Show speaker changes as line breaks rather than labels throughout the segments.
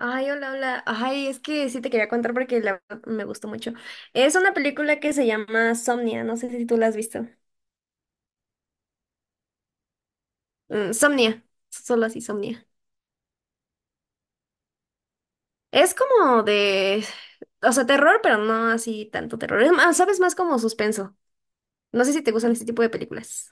Ay, hola, hola. Ay, es que sí te quería contar porque la verdad me gustó mucho. Es una película que se llama Somnia, no sé si tú la has visto. Somnia, solo así, Somnia. Es como de, o sea, terror, pero no así tanto terror. Es más, sabes, más como suspenso. No sé si te gustan este tipo de películas.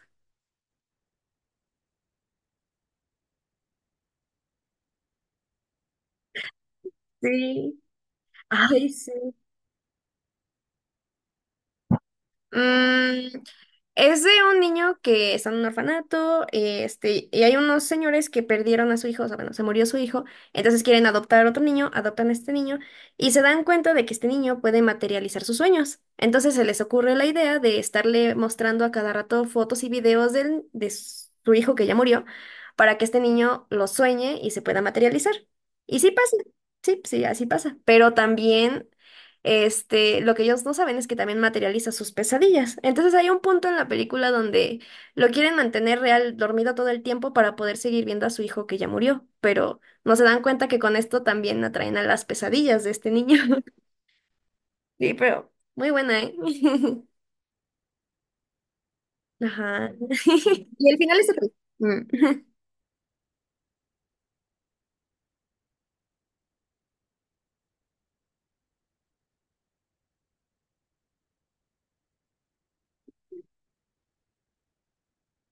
Sí. Ay, sí. Mm, es de un niño que está en un orfanato, y hay unos señores que perdieron a su hijo, o sea, bueno, se murió su hijo, entonces quieren adoptar otro niño, adoptan a este niño, y se dan cuenta de que este niño puede materializar sus sueños. Entonces se les ocurre la idea de estarle mostrando a cada rato fotos y videos de su hijo que ya murió, para que este niño lo sueñe y se pueda materializar. Y sí pasa, sí, sí, así pasa. Pero también lo que ellos no saben es que también materializa sus pesadillas. Entonces hay un punto en la película donde lo quieren mantener real, dormido todo el tiempo para poder seguir viendo a su hijo que ya murió, pero no se dan cuenta que con esto también atraen a las pesadillas de este niño. Sí, pero muy buena, ¿eh? Ajá. Y el final es otro. Mm.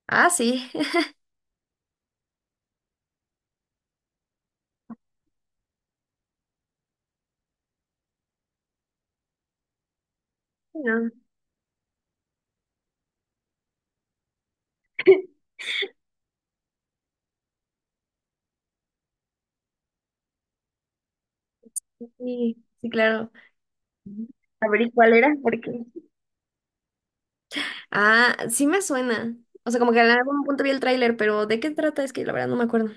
Ah, sí. No. Sí, sí, claro. A ver, ¿y cuál era? Porque... Ah, sí me suena. O sea, como que en algún punto vi el tráiler, pero ¿de qué trata? Es que la verdad no me acuerdo.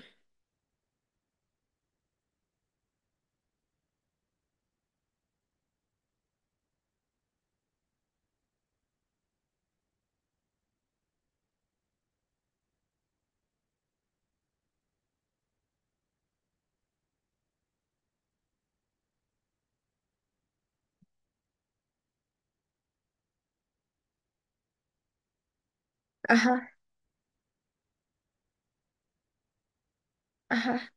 Ajá, ajá.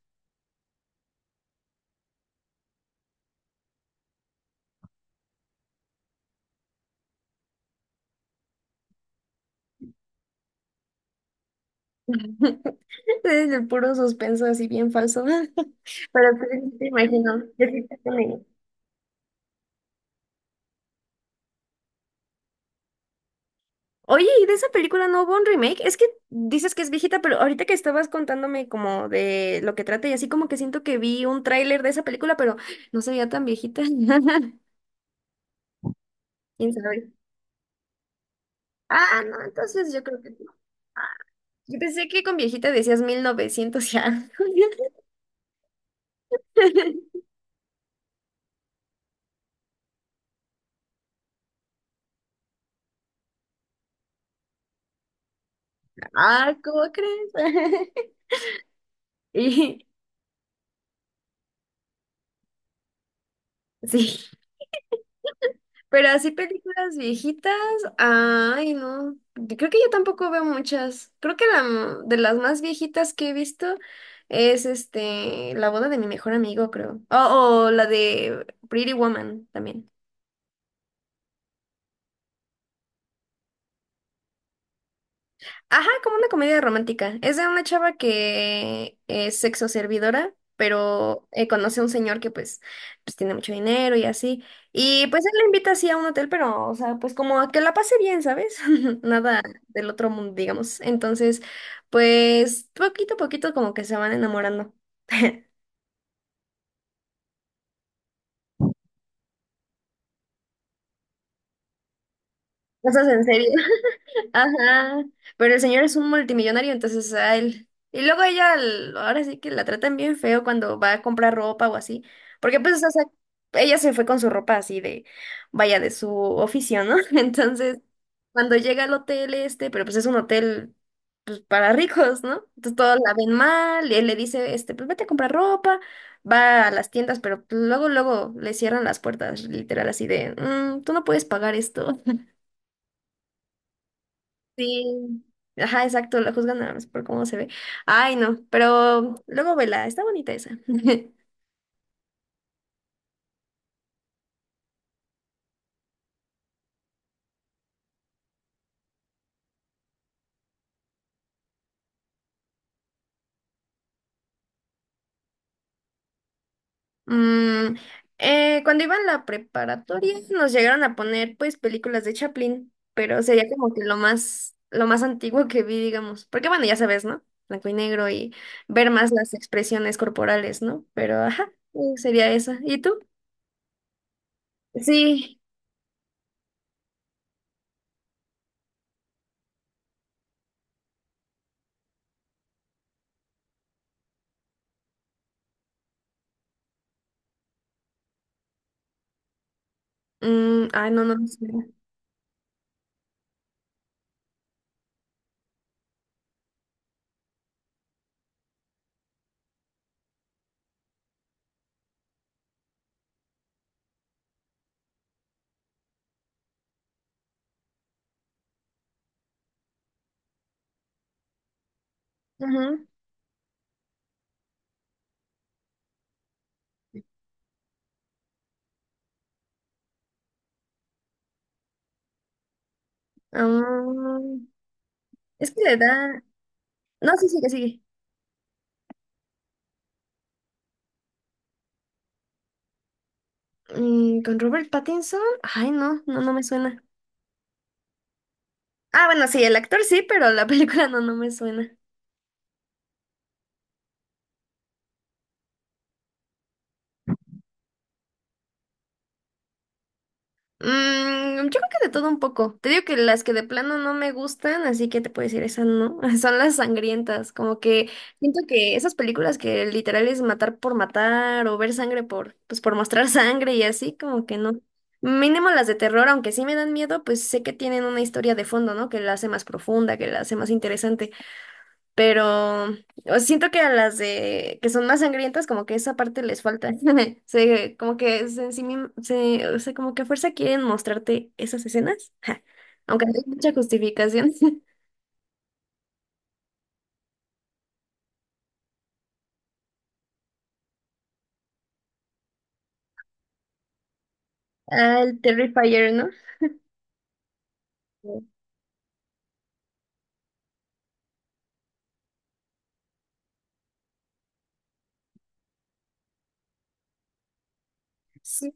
Es el puro suspenso así bien falso. Pero sí, sí te imagino. Yo sí te creo. Oye, ¿y de esa película no hubo un remake? Es que dices que es viejita, pero ahorita que estabas contándome como de lo que trata y así como que siento que vi un tráiler de esa película, pero no se veía tan viejita. ¿Quién sabe? Ah, no, entonces yo creo que no. Yo pensé que con viejita decías 1900 ya. Ah, ¿cómo crees? Y sí, pero así películas viejitas, ay, no. Yo creo que yo tampoco veo muchas. Creo que de las más viejitas que he visto es La boda de mi mejor amigo, creo. O la de Pretty Woman también. Ajá, como una comedia romántica. Es de una chava que es sexo servidora, pero conoce a un señor que pues, pues tiene mucho dinero y así. Y pues él la invita así a un hotel, pero, o sea, pues como a que la pase bien, ¿sabes? Nada del otro mundo, digamos. Entonces, pues poquito a poquito como que se van enamorando. Cosas en serio. Ajá, pero el señor es un multimillonario, entonces a él. Y luego ella, ahora sí que la tratan bien feo cuando va a comprar ropa o así, porque pues, o sea, ella se fue con su ropa así de, vaya, de su oficio, ¿no? Entonces, cuando llega al hotel este, pero pues es un hotel pues, para ricos, ¿no? Entonces todos la ven mal, y él le dice, pues vete a comprar ropa, va a las tiendas, pero luego, luego le cierran las puertas, literal, así de, "Mm, tú no puedes pagar esto". Sí, ajá, exacto, la juzgan nada más por cómo se ve. Ay, no, pero luego vela, está bonita esa. Mm, cuando iba en la preparatoria nos llegaron a poner pues películas de Chaplin, pero sería como que lo más antiguo que vi, digamos. Porque bueno, ya sabes, ¿no? Blanco y negro y ver más las expresiones corporales, ¿no? Pero ajá, sería esa. ¿Y tú? Sí. Mm, ay, no, no, no sé. Ujú. Ah, es que le da... No, sí, sigue, sigue. Mm, con Robert Pattinson, ay, no, no, no me suena. Ah, bueno, sí, el actor sí, pero la película no, no me suena. Yo creo que de todo un poco. Te digo que las que de plano no me gustan, así que te puedo decir, esas no, son las sangrientas. Como que siento que esas películas que literal es matar por matar o ver sangre por, pues por mostrar sangre y así, como que no. Mínimo las de terror, aunque sí me dan miedo, pues sé que tienen una historia de fondo, ¿no? Que la hace más profunda, que la hace más interesante. Pero o siento que a las de que son más sangrientas, como que esa parte les falta. Como que o sea, como que a fuerza quieren mostrarte esas escenas. Ja, aunque no hay mucha justificación. Ah, el Terrifier, ¿no? Sí.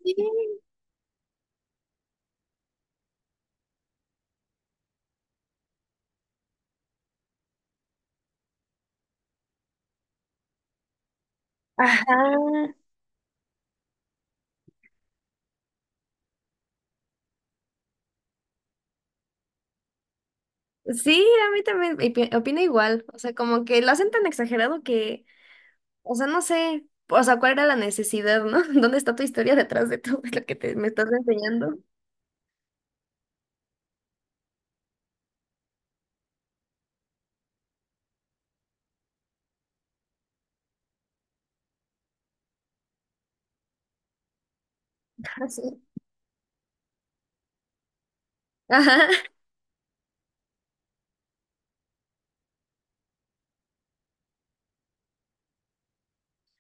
Ajá. Sí, a mí también opino igual. O sea, como que lo hacen tan exagerado que, o sea, no sé, o sea, cuál era la necesidad, ¿no? ¿Dónde está tu historia detrás de todo lo que te, me estás enseñando? Ah, sí. Ajá.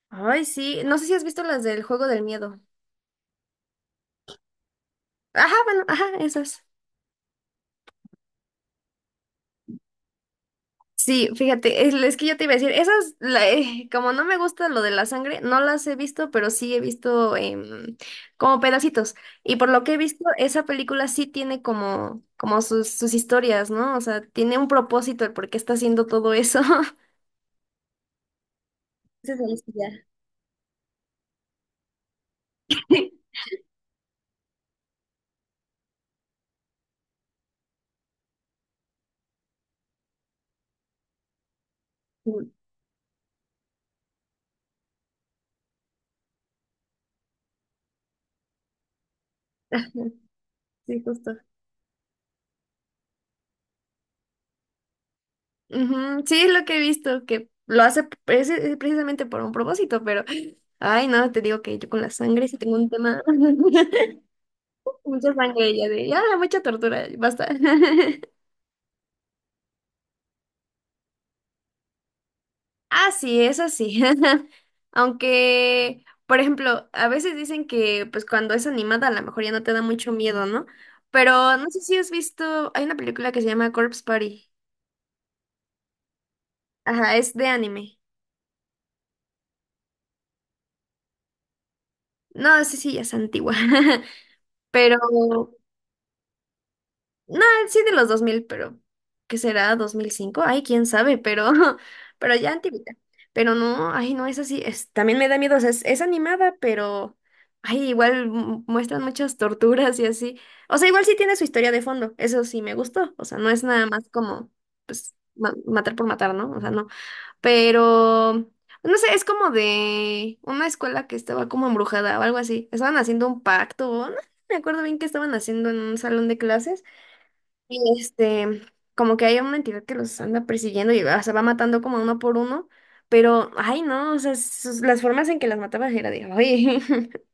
Ay, sí. No sé si has visto las del juego del miedo. Ajá, bueno, ajá, esas. Sí, fíjate, es que yo te iba a decir, esas, como no me gusta lo de la sangre, no las he visto, pero sí he visto como pedacitos. Y por lo que he visto, esa película sí tiene como, como sus historias, ¿no? O sea, tiene un propósito el por qué está haciendo todo eso. Ya. Sí, ajá, sí, justo. Ujú, sí, es lo que he visto, que lo hace precisamente por un propósito, pero, ay, no, te digo que yo con la sangre sí tengo un tema, mucha sangre ya de, ya, mucha tortura, basta. Ah, sí, eso sí. Aunque, por ejemplo, a veces dicen que pues cuando es animada a lo mejor ya no te da mucho miedo, ¿no? Pero no sé si has visto, hay una película que se llama Corpse Party. Ajá, es de anime. No, sí, sí, ya es antigua. Pero no, sí de los 2000 pero ¿qué será? 2005. Ay, quién sabe, pero, pero ya antiguita. Pero no, ay, no es así. También me da miedo, o sea, es animada, pero, ay, igual muestran muchas torturas y así. O sea, igual sí tiene su historia de fondo, eso sí me gustó. O sea, no es nada más como, pues, matar por matar, ¿no? O sea, no. Pero, no sé, es como de una escuela que estaba como embrujada o algo así. Estaban haciendo un pacto, o no me acuerdo bien qué estaban haciendo en un salón de clases. Y como que hay una entidad que los anda persiguiendo y o sea, va matando como uno por uno, pero, ay, no, o sea, las formas en que las mataba era de, oye.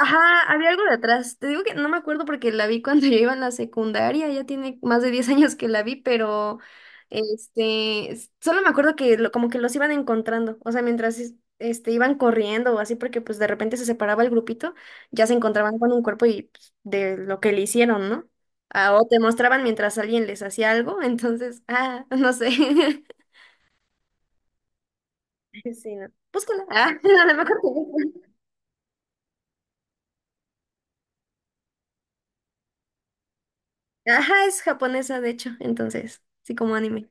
Ajá, había algo de atrás. Te digo que no me acuerdo porque la vi cuando yo iba en la secundaria, ya tiene más de 10 años que la vi, pero solo me acuerdo que como que los iban encontrando, o sea, mientras iban corriendo o así, porque pues de repente se separaba el grupito, ya se encontraban con un cuerpo y pues, de lo que le hicieron, ¿no? Ah, o te mostraban mientras alguien les hacía algo, entonces, ah, no sé. Sí, no. Búscala. Ah, a lo mejor te gusta. Ajá, es japonesa, de hecho, entonces, sí, como anime.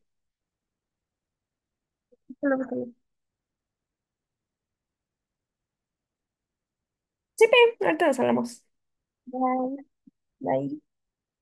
Sí, bien, ahorita nos hablamos. Bye. Bye.